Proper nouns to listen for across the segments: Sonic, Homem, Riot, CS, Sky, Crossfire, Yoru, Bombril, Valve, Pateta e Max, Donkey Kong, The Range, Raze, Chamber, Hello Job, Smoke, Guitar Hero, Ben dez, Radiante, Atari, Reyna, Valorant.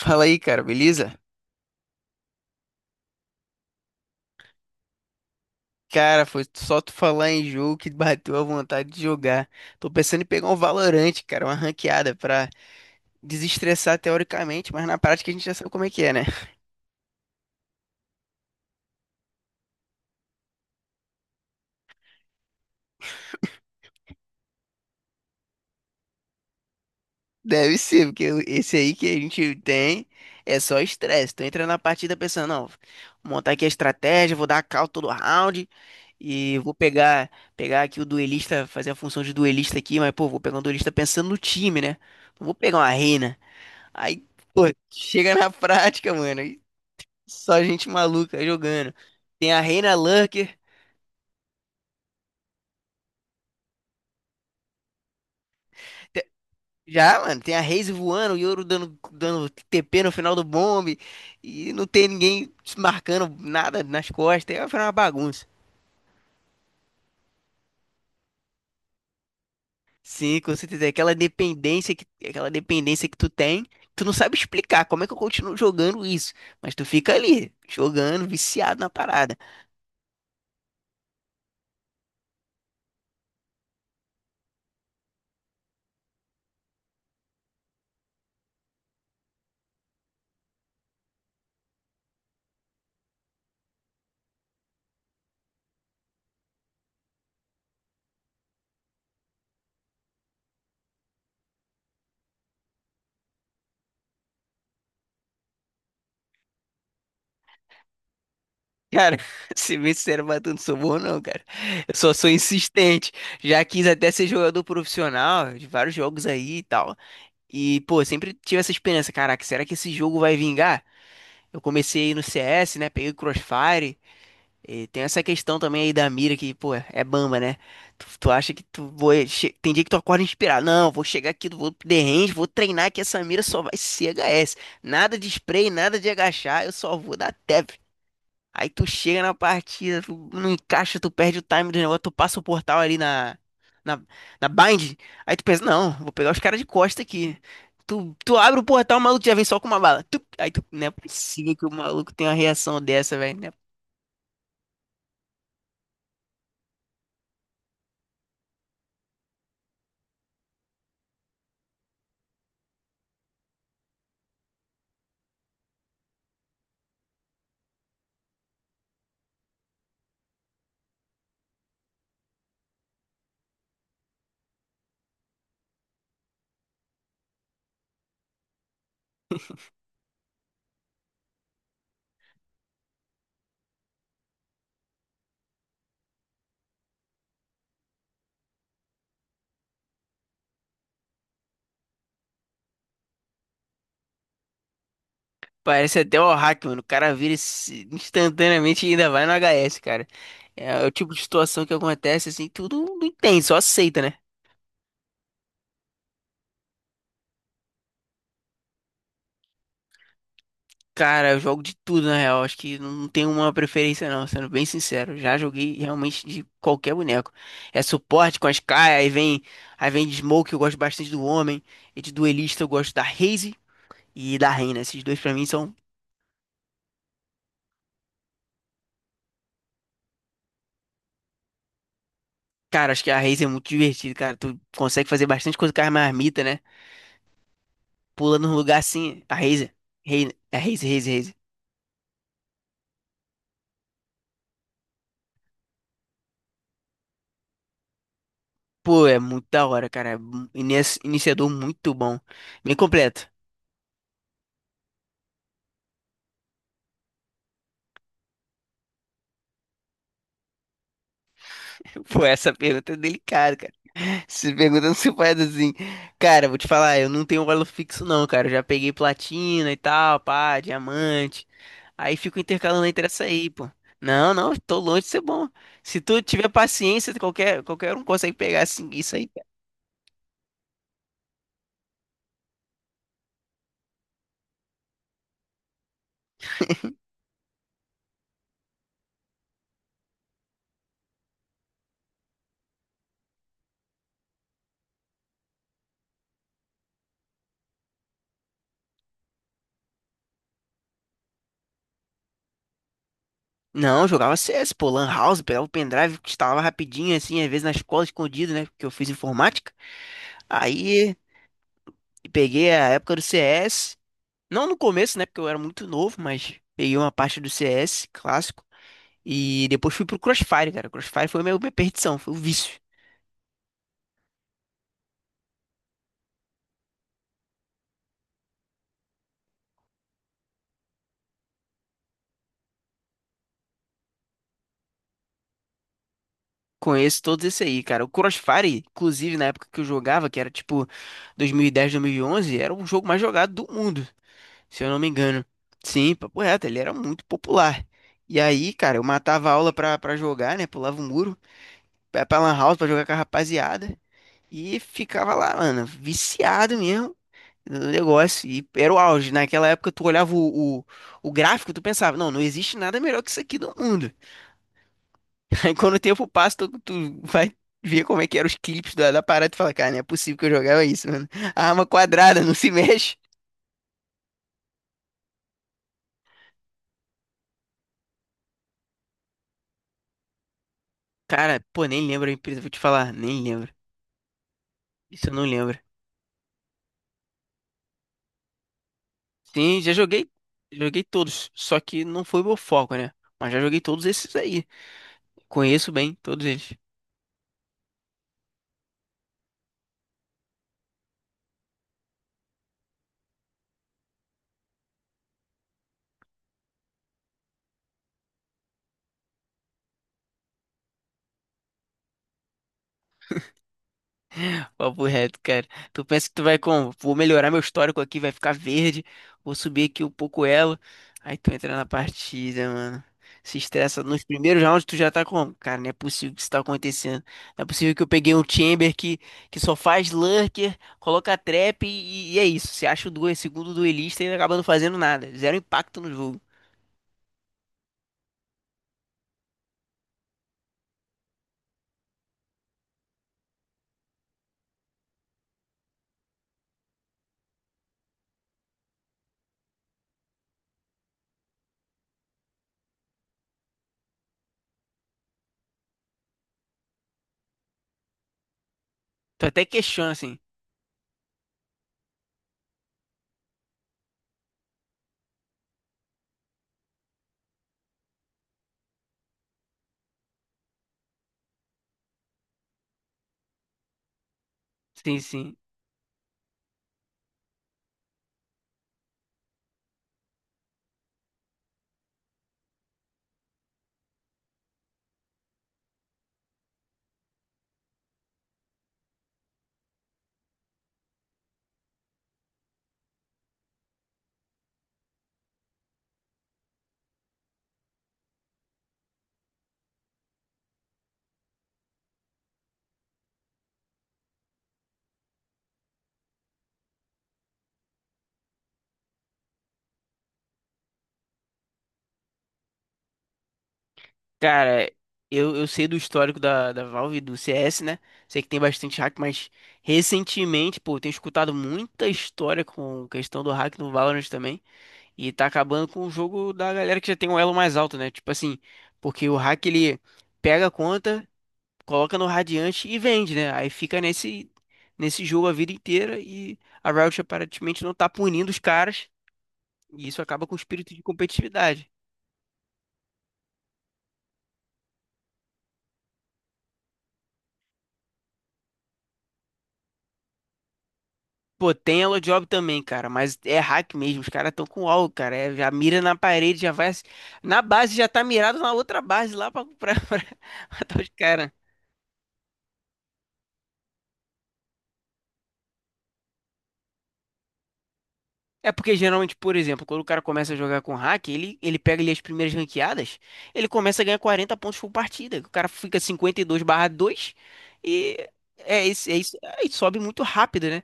Fala aí, cara, beleza? Cara, foi só tu falar em jogo que bateu a vontade de jogar. Tô pensando em pegar um Valorante, cara, uma ranqueada pra desestressar teoricamente, mas na prática a gente já sabe como é que é, né? Deve ser, porque esse aí que a gente tem é só estresse. Tu entra na partida pensando, não, vou montar aqui a estratégia, vou dar a call todo round e vou pegar aqui o duelista, fazer a função de duelista aqui, mas pô, vou pegar um duelista pensando no time, né? Não vou pegar uma reina. Aí, pô, chega na prática, mano, e só gente maluca jogando. Tem a Reina Lurker, te- já, mano, tem a Raze voando, o Yoru dando TP no final do bombe, e não tem ninguém marcando nada nas costas, é uma bagunça. Sim, com certeza, é aquela dependência que tu tem, tu não sabe explicar como é que eu continuo jogando isso, mas tu fica ali, jogando, viciado na parada. Cara, se bem sincero, mas eu não sou bom não, cara. Eu só sou insistente. Já quis até ser jogador profissional de vários jogos aí e tal. E, pô, sempre tive essa esperança, caraca, será que esse jogo vai vingar? Eu comecei no CS, né? Peguei o Crossfire. E tem essa questão também aí da mira que, pô, é bamba, né? Tu acha que tu vai... Tem dia que tu acorda inspirado. Não, vou chegar aqui, vou pro The Range, vou treinar que essa mira só vai ser H S. Nada de spray, nada de agachar, eu só vou dar tap. Aí tu chega na partida, tu não encaixa, tu perde o time do negócio, tu passa o portal ali na, na bind. Aí tu pensa, não, vou pegar os caras de costa aqui. Tu abre o portal, o maluco já vem só com uma bala. Tup! Aí tu, não é possível que o maluco tenha uma reação dessa, velho, né? Parece até o hack, mano. O cara vira instantaneamente e ainda vai no HS, cara. É, é o tipo de situação que acontece, assim, tu não entende, só aceita, né? Cara, eu jogo de tudo, na real. Acho que não tem uma preferência, não, sendo bem sincero. Já joguei realmente de qualquer boneco. É suporte com a Sky, aí vem de Smoke, eu gosto bastante do Homem. E de duelista eu gosto da Raze e da Reyna. Esses dois pra mim são. Cara, acho que a Raze é muito divertida, cara. Tu consegue fazer bastante coisa com a marmita, né? Pula num lugar assim. A Raze. É Raze, Raze, Raze. Pô, é muito da hora, cara. É um iniciador muito bom. Bem completo. Pô, essa pergunta é delicada, cara. Se perguntando se faz assim. Cara, vou te falar, eu não tenho valor fixo, não, cara. Eu já peguei platina e tal, pá, diamante. Aí fico intercalando entre essa aí, pô. Não, não, tô longe de ser bom. Se tu tiver paciência, qualquer um consegue pegar assim, isso aí, cara. Não, eu jogava CS, pô, Lan House, pegava o pendrive, instalava rapidinho, assim, às vezes na escola escondido, né? Porque eu fiz informática. Aí peguei a época do CS. Não no começo, né? Porque eu era muito novo, mas peguei uma parte do CS clássico. E depois fui pro Crossfire, cara. Crossfire foi minha perdição, foi o vício. Conheço todos esse aí, cara. O Crossfire, inclusive na época que eu jogava, que era tipo 2010, 2011, era o jogo mais jogado do mundo, se eu não me engano. Sim, papo reto, ele era muito popular. E aí, cara, eu matava a aula pra jogar, né? Pulava o muro, ia pra Lan House pra jogar com a rapaziada. E ficava lá, mano, viciado mesmo no negócio. E era o auge, né? Naquela época, tu olhava o gráfico, tu pensava, não, não existe nada melhor que isso aqui no mundo. Aí quando o tempo passa, tu vai ver como é que eram os clipes da parada e tu fala, cara, não é possível que eu jogava isso, mano. A arma quadrada, não se mexe. Cara, pô, nem lembro a empresa, vou te falar, nem lembro. Isso eu não lembro. Sim, já joguei, joguei todos, só que não foi meu foco, né? Mas já joguei todos esses aí. Conheço bem todos eles. Papo reto, cara. Tu pensa que tu vai como? Vou melhorar meu histórico aqui, vai ficar verde. Vou subir aqui um pouco elo. Aí tu entra na partida, mano. Se estressa nos primeiros rounds, tu já tá como? Cara, não é possível que isso tá acontecendo. Não é possível que eu peguei um Chamber que só faz lurker, coloca trap e é isso. Você acha o duel, segundo duelista e acaba não fazendo nada. Zero impacto no jogo. Tu até questiona, assim. Sim, sim. Cara, eu sei do histórico da Valve e do CS, né? Sei que tem bastante hack, mas recentemente, pô, eu tenho escutado muita história com questão do hack no Valorant também. E tá acabando com o jogo da galera que já tem um elo mais alto, né? Tipo assim, porque o hack ele pega a conta, coloca no Radiante e vende, né? Aí fica nesse jogo a vida inteira e a Riot aparentemente não tá punindo os caras. E isso acaba com o espírito de competitividade. Pô, tem Hello Job também, cara, mas é hack mesmo, os caras estão com algo, cara, é, já mira na parede, já vai, na base já tá mirado na outra base lá pra matar os caras. É porque geralmente, por exemplo, quando o cara começa a jogar com hack, ele pega ali as primeiras ranqueadas, ele começa a ganhar 40 pontos por partida, o cara fica 52/2 e é isso, aí sobe muito rápido, né?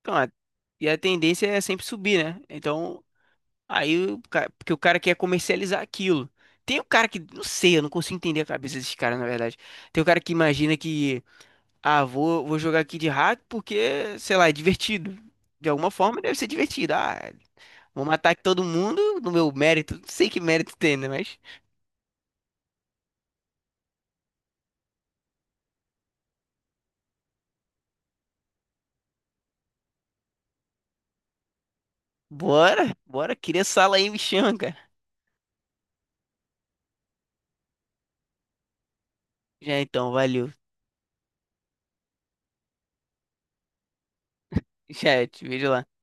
Então, e a tendência é sempre subir, né? Então, aí, porque o cara quer comercializar aquilo. Tem o cara que, não sei, eu não consigo entender a cabeça desses caras, na verdade. Tem o cara que imagina que, ah, vou jogar aqui de hack porque, sei lá, é divertido. De alguma forma deve ser divertido. Ah, vou matar aqui todo mundo no meu mérito. Não sei que mérito tem, né? Mas bora, cria sala aí, me chama, cara. Já então, valeu. Já, te vejo lá.